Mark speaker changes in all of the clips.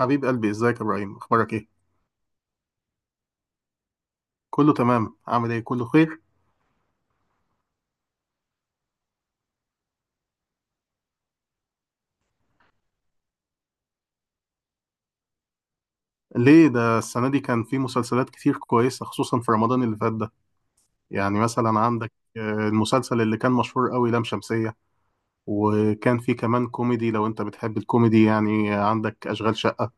Speaker 1: حبيب قلبي، ازيك يا ابراهيم؟ اخبارك ايه؟ كله تمام، عامل ايه؟ كله خير. ليه؟ ده السنه دي كان في مسلسلات كتير كويسه، خصوصا في رمضان اللي فات ده. يعني مثلا عندك المسلسل اللي كان مشهور قوي لام شمسيه. وكان في كمان كوميدي، لو انت بتحب الكوميدي يعني عندك اشغال شقه.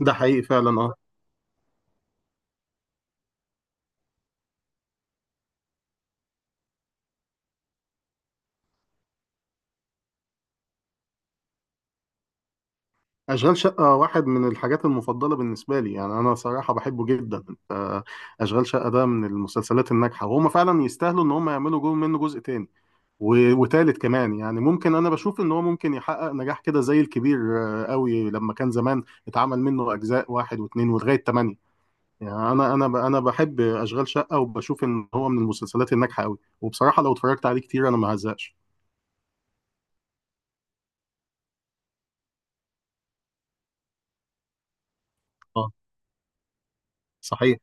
Speaker 1: ده حقيقي فعلا، اه. اشغال شقه واحد من الحاجات المفضله بالنسبه لي، يعني انا صراحه بحبه جدا. آه، اشغال شقه ده من المسلسلات الناجحه، وهم فعلا يستاهلوا ان هم يعملوا جو منه جزء تاني وتالت كمان. يعني ممكن انا بشوف ان هو ممكن يحقق نجاح كده زي الكبير قوي لما كان زمان اتعمل منه اجزاء واحد واثنين ولغايه ثمانية. يعني انا بحب اشغال شقه، وبشوف ان هو من المسلسلات الناجحه قوي، وبصراحه لو اتفرجت عليه كتير انا ما هزقش. اه، صحيح.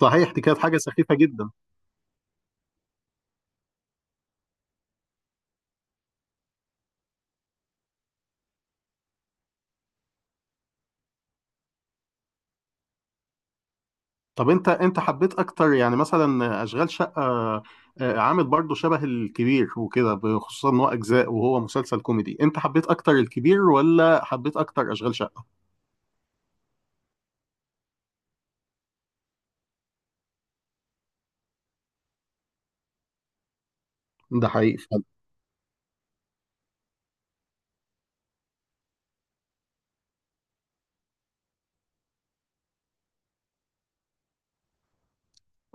Speaker 1: صحيح، دي كانت حاجه سخيفه جدا. طب انت حبيت اكتر يعني مثلا اشغال شقه عامل برضه شبه الكبير وكده، خصوصا ان هو اجزاء وهو مسلسل كوميدي، انت حبيت اكتر الكبير ولا حبيت اكتر اشغال شقه؟ ده حقيقي فعلا.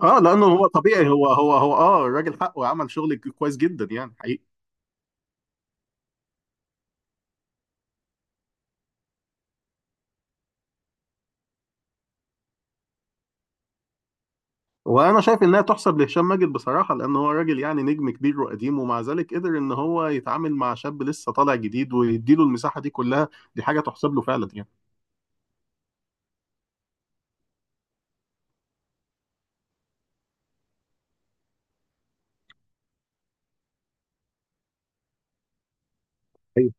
Speaker 1: اه، لانه هو طبيعي، هو اه الراجل حقه عمل شغل كويس جدا يعني حقيقي. وانا شايف انها تحسب لهشام ماجد بصراحه، لان هو راجل يعني نجم كبير وقديم، ومع ذلك قدر ان هو يتعامل مع شاب لسه طالع جديد ويديله المساحه دي كلها. دي حاجه تحسب له فعلا يعني. صحيح.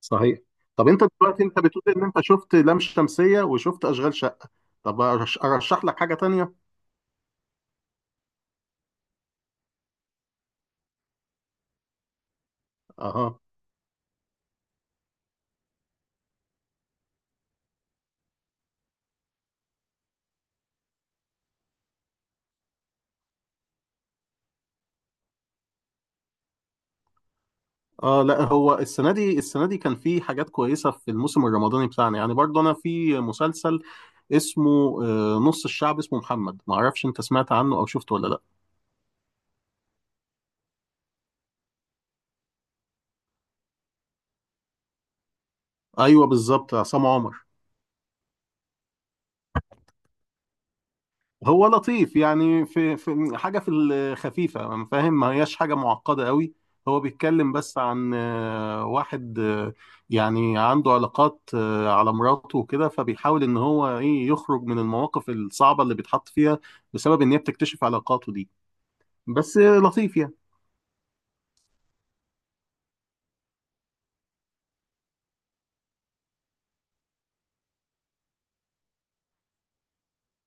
Speaker 1: صحيح. طب انت دلوقتي انت بتقول ان انت شفت لام شمسيه وشفت اشغال شقه. طب ارشح لك حاجه تانية. اها. اه، لا، هو السنه دي، السنه دي كان في حاجات كويسه في الموسم الرمضاني بتاعنا، يعني برضه انا في مسلسل اسمه نص الشعب، اسمه محمد، ما اعرفش انت سمعت عنه او شفته ولا لا. ايوه بالظبط، عصام عمر. هو لطيف يعني، في حاجه في الخفيفه، فاهم؟ ما هياش حاجه معقده قوي. هو بيتكلم بس عن واحد يعني عنده علاقات على مراته وكده، فبيحاول ان هو ايه يخرج من المواقف الصعبه اللي بيتحط فيها بسبب ان هي بتكتشف علاقاته دي. بس لطيف يعني.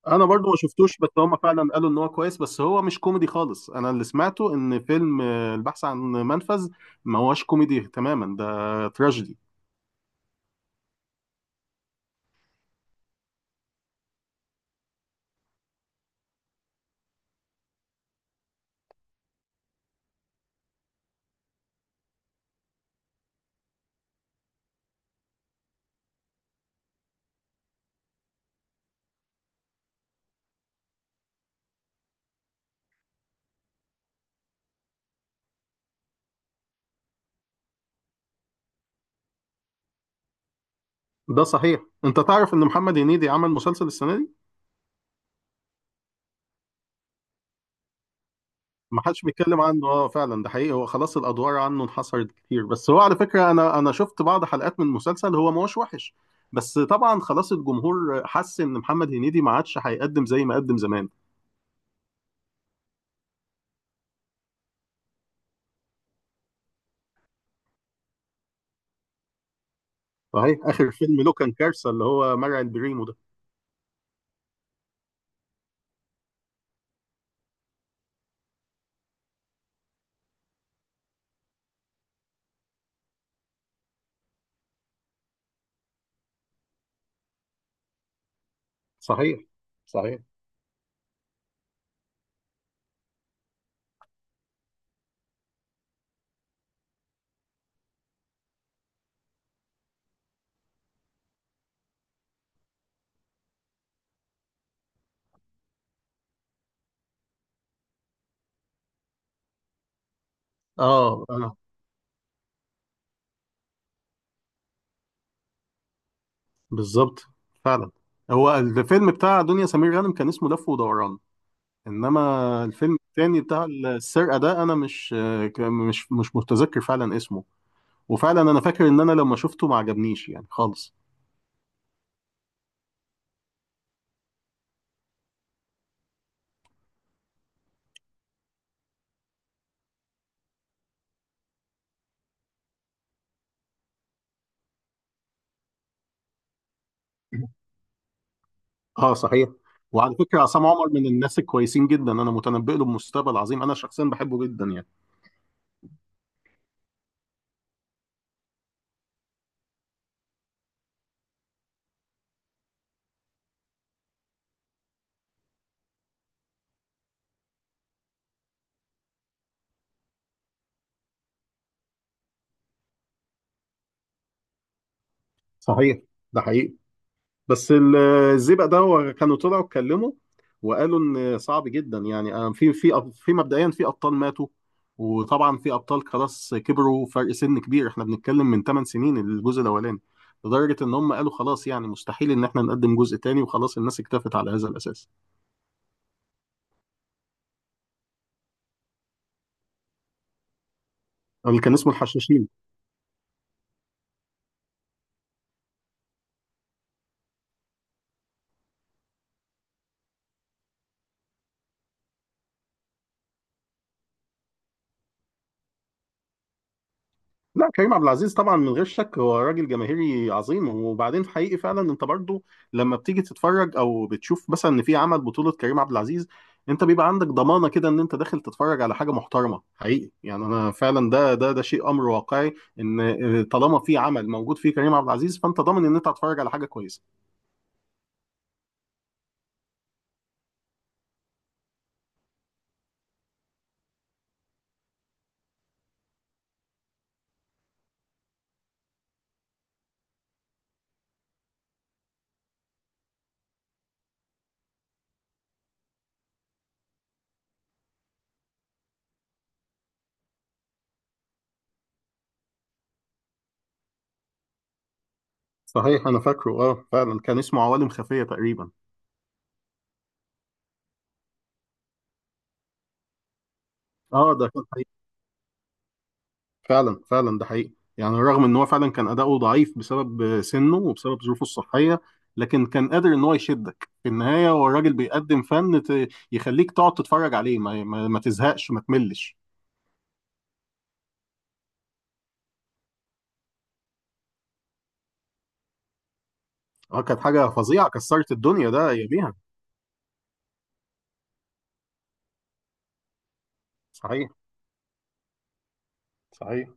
Speaker 1: انا برضو ما شفتوش، بس هما فعلا قالوا ان هو كويس، بس هو مش كوميدي خالص. انا اللي سمعته ان فيلم البحث عن منفذ ما هوش كوميدي تماما، ده تراجيدي. ده صحيح. انت تعرف ان محمد هنيدي عمل مسلسل السنه دي؟ ما حدش بيتكلم عنه، اه فعلا ده حقيقي. هو خلاص الادوار عنه انحصرت كتير، بس هو على فكره، انا شفت بعض حلقات من المسلسل، هو ما هوش وحش. بس طبعا خلاص الجمهور حس ان محمد هنيدي ما عادش هيقدم زي ما قدم زمان. صحيح. اخر فيلم له كان كارثه، اللي هو مرعي البريمو ده. صحيح. صحيح. اه، اه، بالظبط. فعلا. هو الفيلم بتاع دنيا سمير غانم كان اسمه لف ودوران. انما الفيلم التاني بتاع السرقه ده، انا مش متذكر فعلا اسمه. وفعلا انا فاكر ان انا لما شفته ما عجبنيش يعني. خالص. اه، صحيح. وعلى فكره عصام عمر من الناس الكويسين جدا، انا متنبئ له بمستقبل عظيم، انا شخصيا بحبه جدا يعني. صحيح. ده حقيقي. بس الزئبق ده هو كانوا طلعوا اتكلموا وقالوا ان صعب جدا يعني، في مبدئيا في ابطال ماتوا، وطبعا في ابطال خلاص كبروا، فرق سن كبير، احنا بنتكلم من 8 سنين الجزء الاولاني. لدرجه ان هم قالوا خلاص يعني مستحيل ان احنا نقدم جزء تاني، وخلاص الناس اكتفت على هذا الاساس. اللي كان اسمه الحشاشين. لا، كريم عبد العزيز طبعا من غير شك هو راجل جماهيري عظيم. وبعدين في حقيقي فعلا، انت برضو لما بتيجي تتفرج او بتشوف مثلا ان في عمل بطولة كريم عبد العزيز، انت بيبقى عندك ضمانة كده ان انت داخل تتفرج على حاجة محترمة حقيقي يعني. انا فعلا ده شيء امر واقعي، ان طالما في عمل موجود فيه كريم عبد العزيز فانت ضامن ان انت هتتفرج على حاجة كويسة. صحيح، انا فاكره، اه فعلا كان اسمه عوالم خفية تقريبا. اه ده كان، فعلا فعلا ده حقيقي. يعني رغم ان هو فعلا كان اداؤه ضعيف بسبب سنه وبسبب ظروفه الصحيه، لكن كان قادر ان هو يشدك في النهايه، هو الراجل بيقدم فن يخليك تقعد تتفرج عليه ما تزهقش ما تملش. اه كانت حاجه فظيعه كسرت الدنيا ده اياميها. صحيح. صحيح.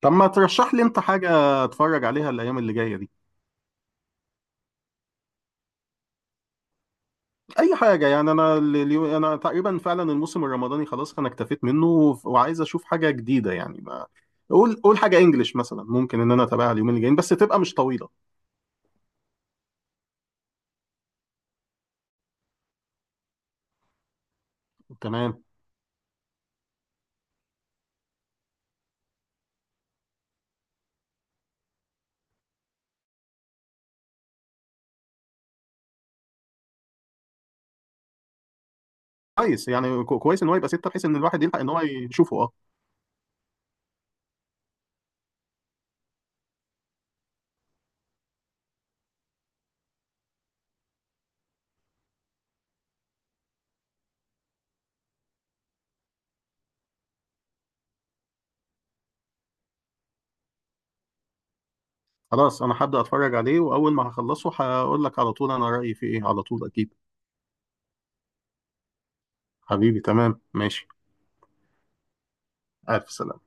Speaker 1: طب ما ترشح لي انت حاجه اتفرج عليها الايام اللي جايه دي. اي حاجه يعني، انا انا تقريبا فعلا الموسم الرمضاني خلاص انا اكتفيت منه، وعايز اشوف حاجه جديده يعني. قول قول حاجه انجليش مثلا ممكن ان انا اتابعها اليومين الجايين، بس تبقى مش طويله. تمام. كويس يعني، كويس ان هو يبقى سته بحيث ان الواحد يلحق ان هو يشوفه، اه. خلاص انا هبدا اتفرج عليه، واول ما هخلصه هقول لك على طول انا رايي فيه ايه على طول اكيد. حبيبي تمام ماشي. الف سلامه.